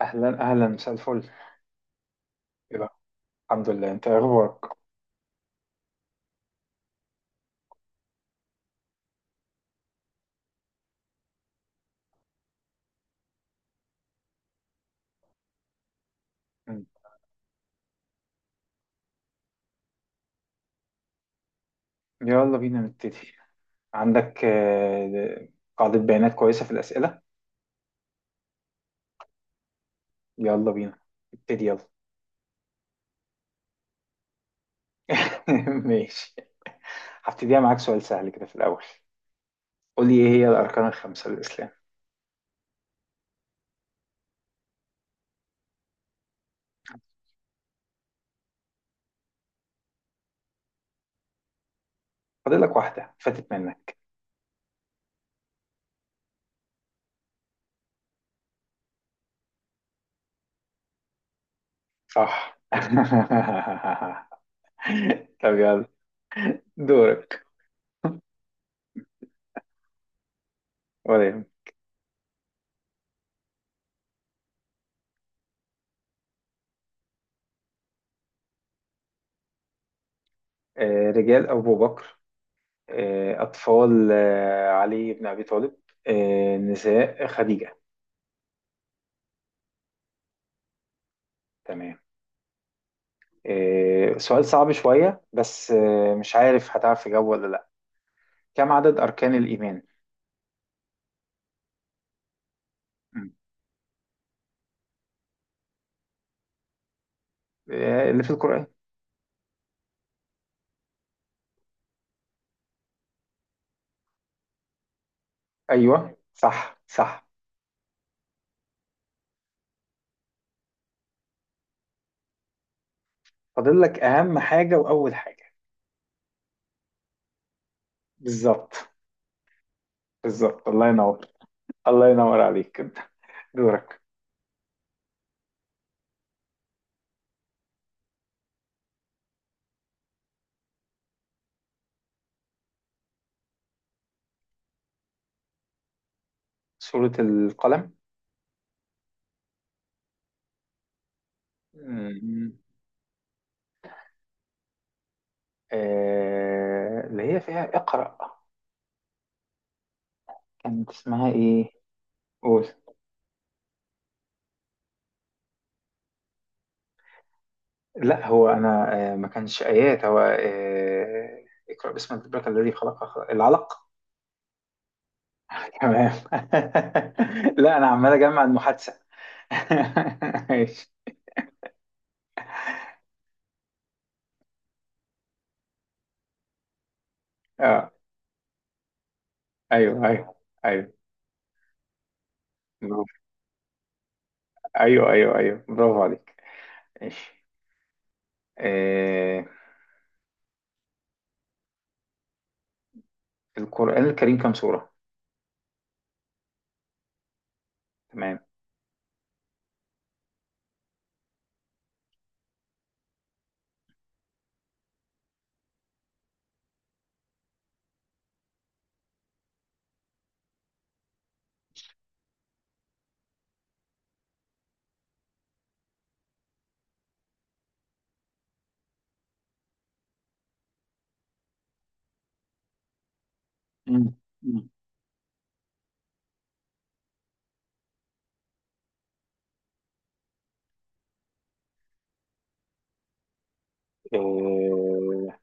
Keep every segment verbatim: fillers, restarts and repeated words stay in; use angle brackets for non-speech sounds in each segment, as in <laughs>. أهلا أهلا، مساء الفل. إيه ده؟ الحمد لله، أنت إيه أخبارك؟ مم. يلا بينا نبتدي. عندك آه، قاعدة بيانات كويسة في الأسئلة. يلا بينا نبتدي، يلا. <laughs> ماشي، هبتديها معاك سؤال سهل كده في الأول. قول لي إيه هي الأركان الخمسة للإسلام. فاضل لك واحدة فاتت منك. صح. <laughs> طب يلا، دورك. <laughs> ولا يهمك. آه، رجال أبو بكر، آه، أطفال آه، علي بن أبي طالب، آه، نساء خديجة. تمام. آه، سؤال صعب شوية، بس آه، مش عارف هتعرف تجاوب ولا لأ. كم عدد أركان الإيمان؟ مم. آه، اللي في القرآن. أيوه صح صح. فاضل لك أهم حاجة وأول حاجة. بالظبط. بالظبط، الله ينور. الله ينور عليك كده. دورك. سورة القلم. مم. آه، اللي هي فيها اقرأ. كانت اسمها إيه؟ قول. لا، هو انا آه، ما كانش ايات، هو آه، اقرا باسم ربك الذي خلق، خلق- العلق. تمام. <laughs> لا انا عمال اجمع المحادثه. <laughs> ماشي. اه، ايوه ايوه ايوه، برافو. ايوه ايوه ايوه، برافو عليك. ماشي. آه، القران الكريم كام سوره؟ تمام. مم. مم. آه،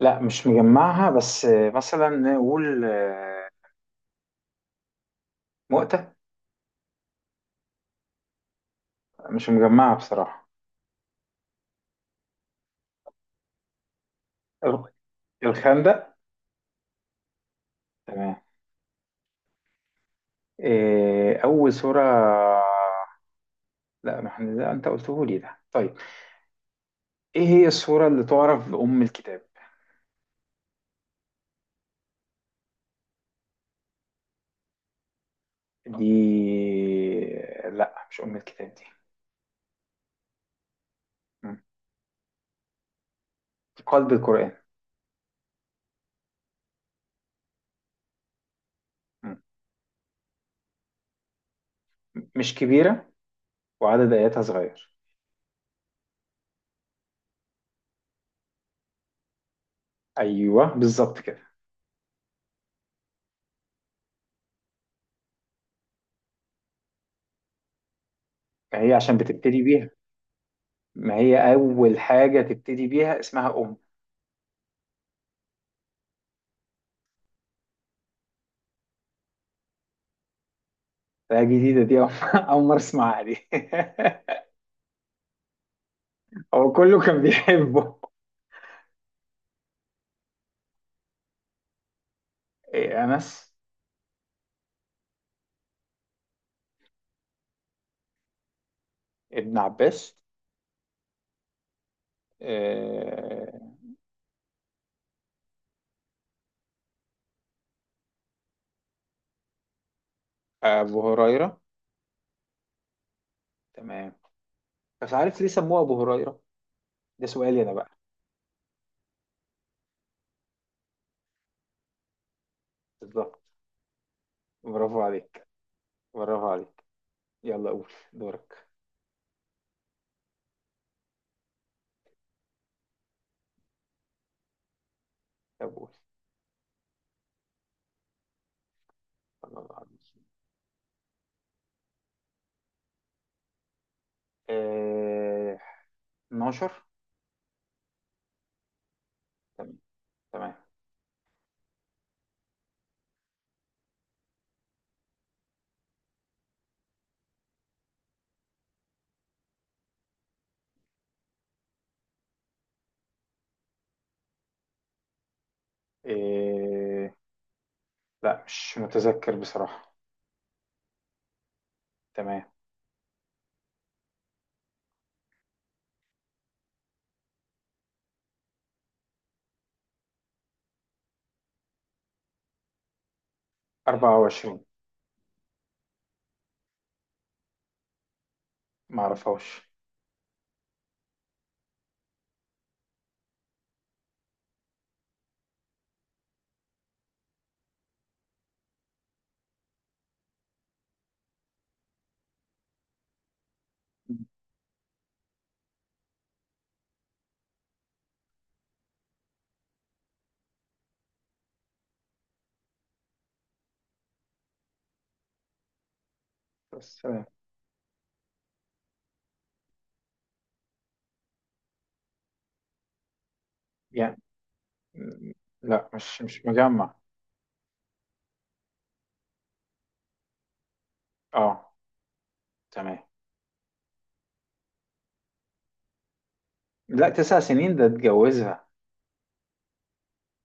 لا، مش مجمعها، بس آه، مثلا نقول، آه، مؤتة. مش مجمعها بصراحه. الخندق. تمام. إيه أول سورة؟ لا، ما احنا لا، أنت قلته لي ده. طيب، إيه هي السورة اللي تعرف بأم الكتاب؟ دي؟ لا، مش أم الكتاب دي. مم. قلب القرآن. مم. مش كبيرة، وعدد آياتها صغير. أيوه بالظبط كده. ما هي عشان بتبتدي بيها. ما هي أول حاجة تبتدي بيها اسمها أم. ده جديدة دي، أول <laughs> أول مرة أسمعها دي. <laughs> هو كله كان بيحبه. إيه، أنس؟ ابن عباس؟ آه، أبو هريرة. تمام. بس عارف ليه سموه أبو هريرة؟ ده سؤالي أنا بقى. بالظبط. برافو عليك. برافو عليك. يلا قول، دورك. طب قول. صلى الله عليه وسلم. آه... اتناشر. تمام تمام. آه... لا، مش متذكر بصراحة. تمام. اربعة وعشرين. ما أعرفهاش. بس تمام، يعني، م- لا، مش مش مجمع. اه، تمام. لا، تسع سنين ده اتجوزها.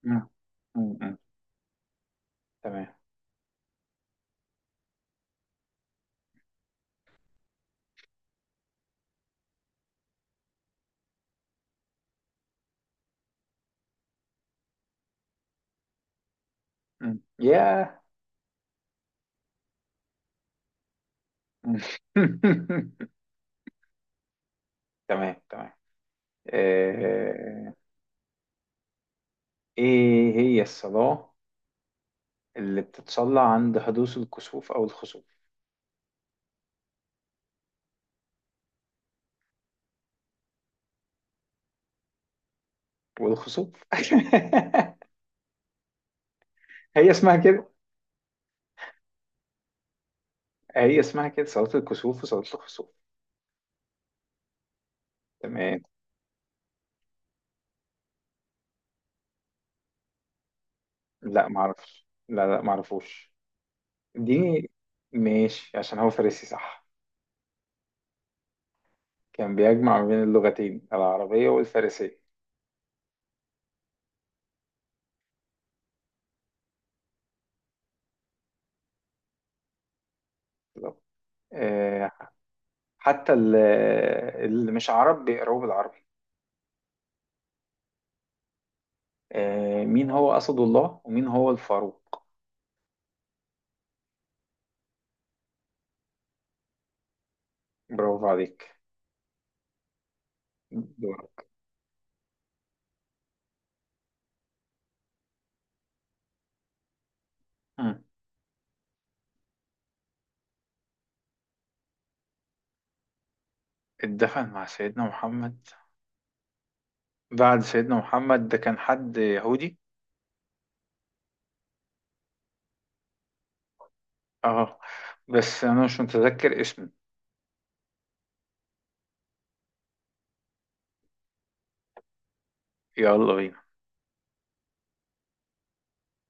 مم. مم. مم. تمام. مم. ياه. <laughs> تمام تمام. آه، ايه هي الصلاة اللي بتتصلى عند حدوث الكسوف او الخسوف؟ والخسوف. <laughs> هي اسمها كده. هي اسمها كده، صلاة الكسوف وصلاة الخسوف. تمام. لا معرفش، لا لا معرفوش دي. ماشي، عشان هو فارسي صح. كان بيجمع ما بين اللغتين العربية والفارسية. بالظبط. آه، حتى ال- اللي مش عرب بيقراوه بالعربي. آه، مين هو أسد الله ومين هو الفاروق؟ برافو عليك. دورك. مم. اتدفن مع سيدنا محمد؟ بعد سيدنا محمد، ده كان حد يهودي. اه، بس أنا مش متذكر اسمه. يلا بينا.